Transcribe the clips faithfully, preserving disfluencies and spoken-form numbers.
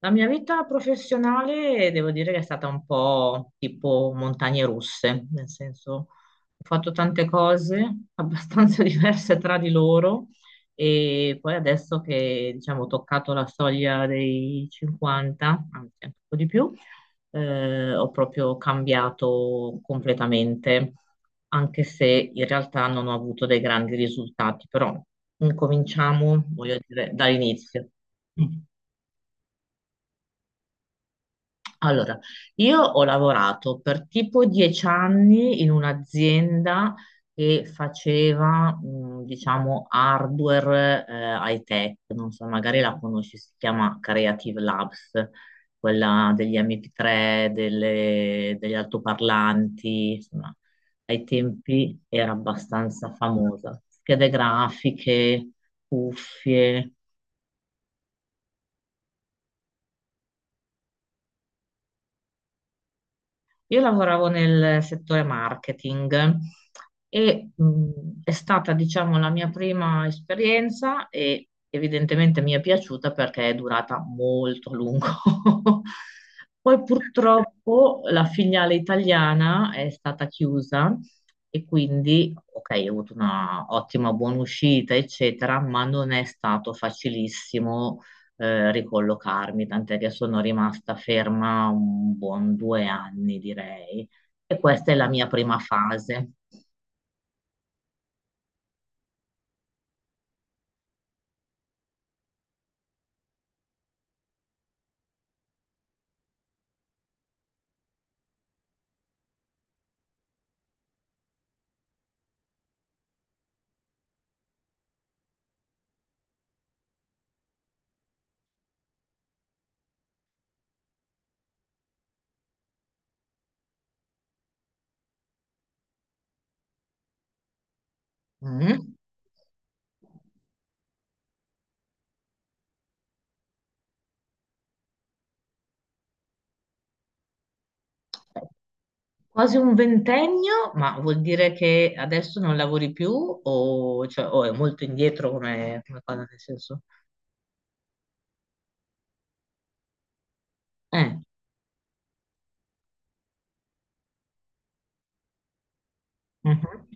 La mia vita professionale devo dire che è stata un po' tipo montagne russe, nel senso ho fatto tante cose abbastanza diverse tra di loro e poi adesso che diciamo ho toccato la soglia dei cinquanta, anzi anche un po' di più, eh, ho proprio cambiato completamente, anche se in realtà non ho avuto dei grandi risultati, però incominciamo, voglio dire, dall'inizio. Allora, io ho lavorato per tipo dieci anni in un'azienda che faceva, mh, diciamo, hardware, eh, high-tech, non so, magari la conosci, si chiama Creative Labs, quella degli M P tre, delle- degli altoparlanti, insomma, ai tempi era abbastanza famosa. Schede grafiche, cuffie. Io lavoravo nel settore marketing e mh, è stata, diciamo, la mia prima esperienza e evidentemente mi è piaciuta perché è durata molto a lungo. Poi purtroppo la filiale italiana è stata chiusa e quindi, ok, ho avuto una ottima buona uscita, eccetera, ma non è stato facilissimo eh, ricollocarmi, tant'è che sono rimasta ferma un buon due anni, direi. E questa è la mia prima fase. Mm. Quasi un ventennio, ma vuol dire che adesso non lavori più o, cioè, o è molto indietro, come, come cosa, nel senso? Eh, mhm,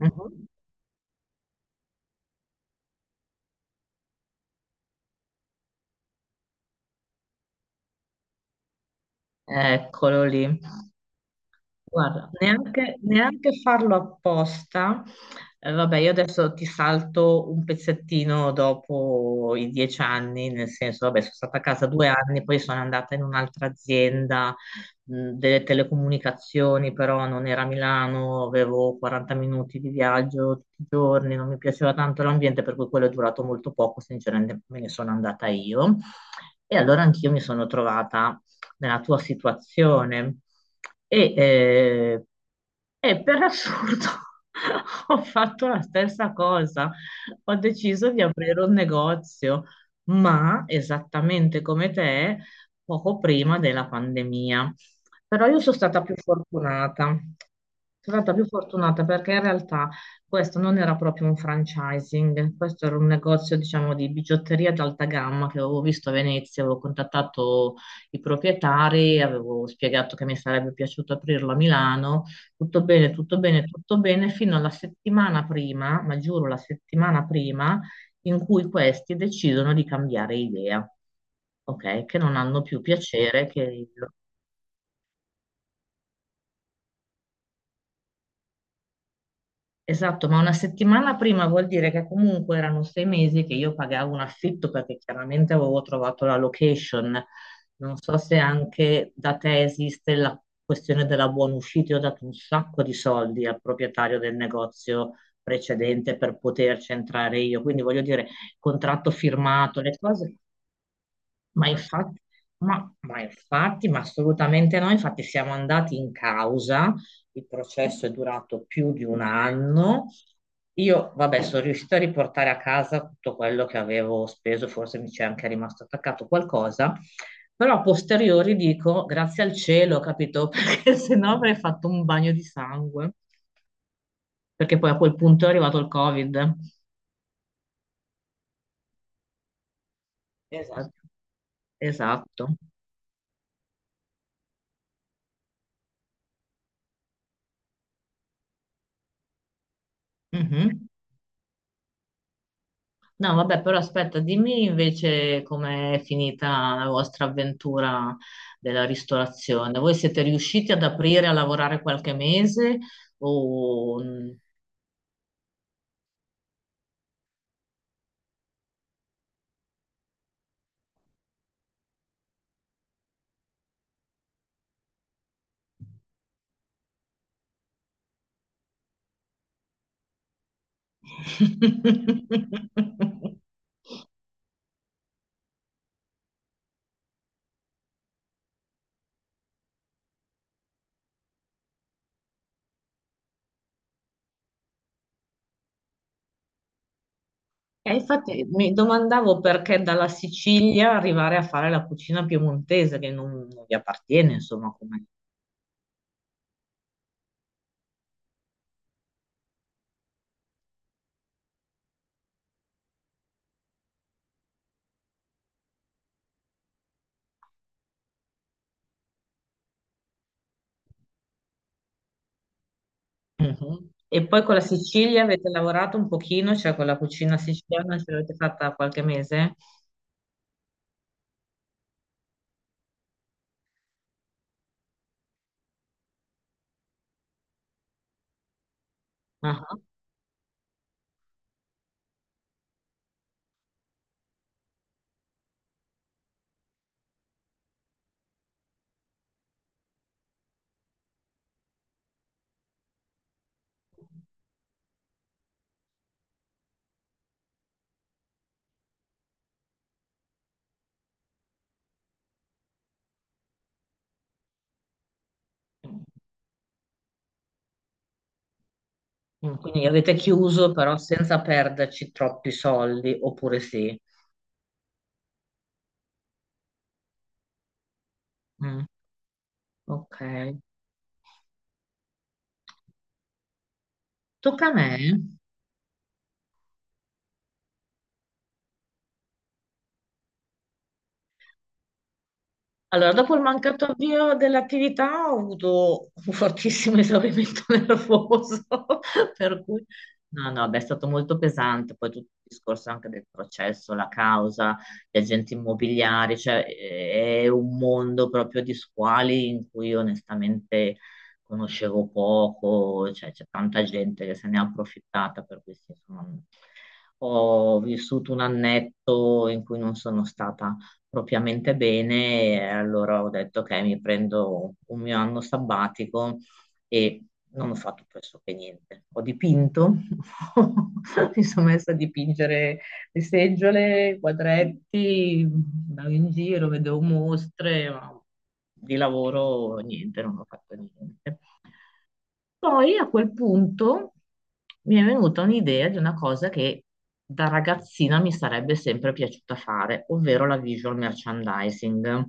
mhm. Eccolo lì. Guarda, neanche, neanche farlo apposta. Eh, vabbè, io adesso ti salto un pezzettino dopo i dieci anni, nel senso, vabbè, sono stata a casa due anni, poi sono andata in un'altra azienda mh, delle telecomunicazioni, però non era a Milano, avevo quaranta minuti di viaggio tutti i giorni, non mi piaceva tanto l'ambiente, per cui quello è durato molto poco, sinceramente me ne sono andata io. E allora anch'io mi sono trovata nella tua situazione e eh, e per assurdo ho fatto la stessa cosa. Ho deciso di aprire un negozio, ma esattamente come te, poco prima della pandemia. Però io sono stata più fortunata. Sono stata più fortunata perché in realtà questo non era proprio un franchising, questo era un negozio, diciamo, di bigiotteria d'alta gamma che avevo visto a Venezia, avevo contattato i proprietari, avevo spiegato che mi sarebbe piaciuto aprirlo a Milano. Tutto bene, tutto bene, tutto bene, fino alla settimana prima, ma giuro la settimana prima, in cui questi decidono di cambiare idea, ok? Che non hanno più piacere che il. Esatto, ma una settimana prima vuol dire che comunque erano sei mesi che io pagavo un affitto perché chiaramente avevo trovato la location. Non so se anche da te esiste la questione della buona uscita. Io ho dato un sacco di soldi al proprietario del negozio precedente per poterci entrare io. Quindi voglio dire, contratto firmato, le cose. Ma infatti, ma, ma infatti, ma assolutamente no, infatti siamo andati in causa, il processo è durato più di un anno. Io, vabbè, sono riuscita a riportare a casa tutto quello che avevo speso, forse mi c'è anche rimasto attaccato qualcosa, però a posteriori dico grazie al cielo, capito? Perché se no avrei fatto un bagno di sangue, perché poi a quel punto è arrivato il Covid. Esatto. Esatto. Mhm. No, vabbè, però aspetta, dimmi invece com'è finita la vostra avventura della ristorazione. Voi siete riusciti ad aprire a lavorare qualche mese o... E infatti mi domandavo perché dalla Sicilia arrivare a fare la cucina piemontese che non, non vi appartiene, insomma, come... Mhm. E poi con la Sicilia avete lavorato un pochino, cioè con la cucina siciliana ce l'avete fatta qualche mese? Ah. Mm. Quindi avete chiuso però senza perderci troppi soldi, oppure sì. Mm, ok. Tocca a me. Allora, dopo il mancato avvio dell'attività ho avuto un fortissimo esaurimento nervoso, per cui no, no, beh, è stato molto pesante, poi tutto il discorso anche del processo, la causa, gli agenti immobiliari, cioè eh, è un mondo proprio di squali in cui onestamente conoscevo poco, cioè c'è tanta gente che se ne è approfittata, per cui sì, insomma, ho vissuto un annetto in cui non sono stata propriamente bene, e allora ho detto ok, mi prendo un mio anno sabbatico e non ho fatto pressoché niente. Ho dipinto, mi sono messa a dipingere le seggiole, i quadretti, andavo in giro, vedevo mostre, ma di lavoro niente, non ho fatto niente. Poi a quel punto mi è venuta un'idea di una cosa che da ragazzina mi sarebbe sempre piaciuta fare, ovvero la visual merchandising.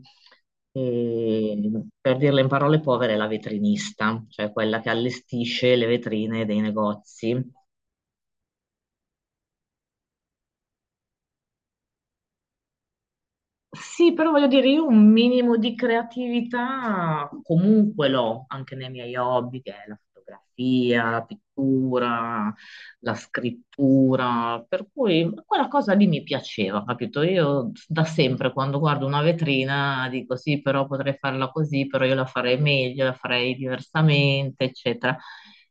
E, per dirla in parole povere, la vetrinista, cioè quella che allestisce le vetrine dei negozi. Sì, però voglio dire, io un minimo di creatività comunque l'ho, anche nei miei hobby, che è la fotografia, la pittura, la scrittura, per cui quella cosa lì mi piaceva, capito? Io da sempre quando guardo una vetrina dico sì, però potrei farla così, però io la farei meglio, la farei diversamente, eccetera.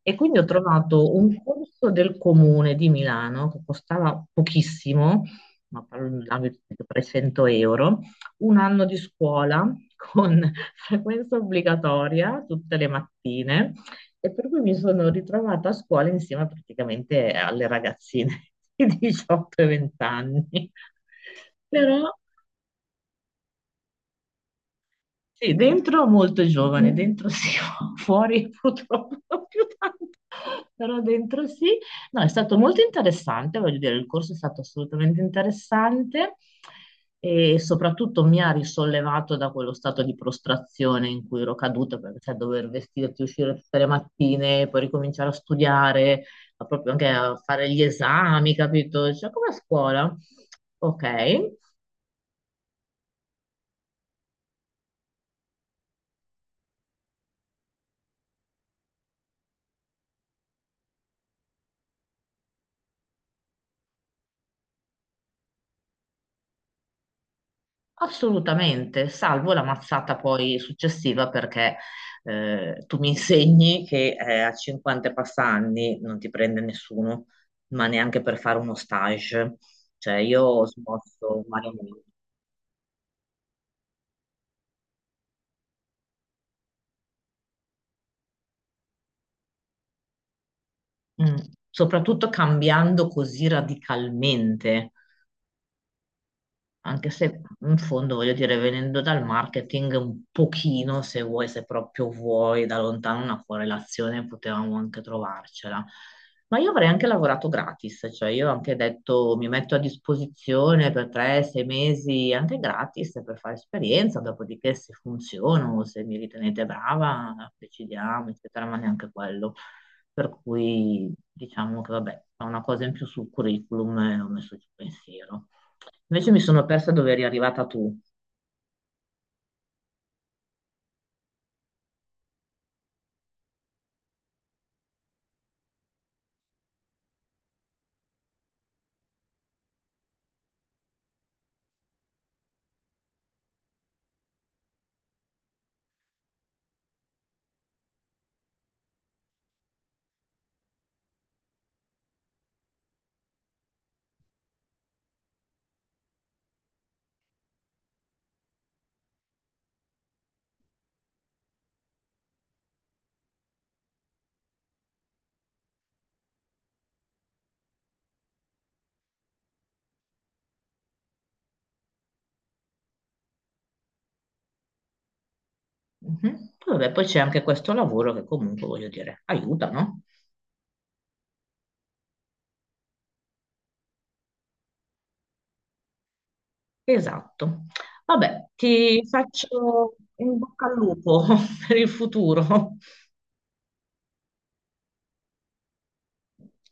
E quindi ho trovato un corso del comune di Milano che costava pochissimo, ma parlavi di trecento euro, un anno di scuola con frequenza obbligatoria tutte le mattine e per cui mi sono ritrovata a scuola insieme praticamente alle ragazzine di diciotto e venti anni. Però sì, dentro molto giovane, dentro sì, fuori purtroppo non più tanto, però dentro sì. No, è stato molto interessante, voglio dire, il corso è stato assolutamente interessante e soprattutto mi ha risollevato da quello stato di prostrazione in cui ero caduta, perché sai, dover vestirti, uscire tutte le mattine, poi ricominciare a studiare, a proprio anche a fare gli esami, capito? Cioè, come a scuola. Ok. Assolutamente, salvo la mazzata poi successiva perché eh, tu mi insegni che eh, a cinquanta e passa anni non ti prende nessuno, ma neanche per fare uno stage. Cioè io ho smosso, ma- mm, soprattutto cambiando così radicalmente. Anche se in fondo voglio dire, venendo dal marketing un pochino, se vuoi, se proprio vuoi, da lontano una correlazione potevamo anche trovarcela. Ma io avrei anche lavorato gratis, cioè io ho anche detto mi metto a disposizione per tre, sei mesi, anche gratis per fare esperienza, dopodiché se funziono, se mi ritenete brava, decidiamo, eccetera, ma neanche quello. Per cui diciamo che vabbè, è una cosa in più sul curriculum e ho messo il pensiero. Invece mi sono persa dove eri arrivata tu. Mhm. Vabbè, poi c'è anche questo lavoro che comunque, voglio dire, aiuta, no? Esatto. Vabbè, ti faccio in bocca al lupo per il futuro.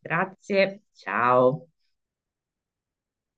Grazie, ciao.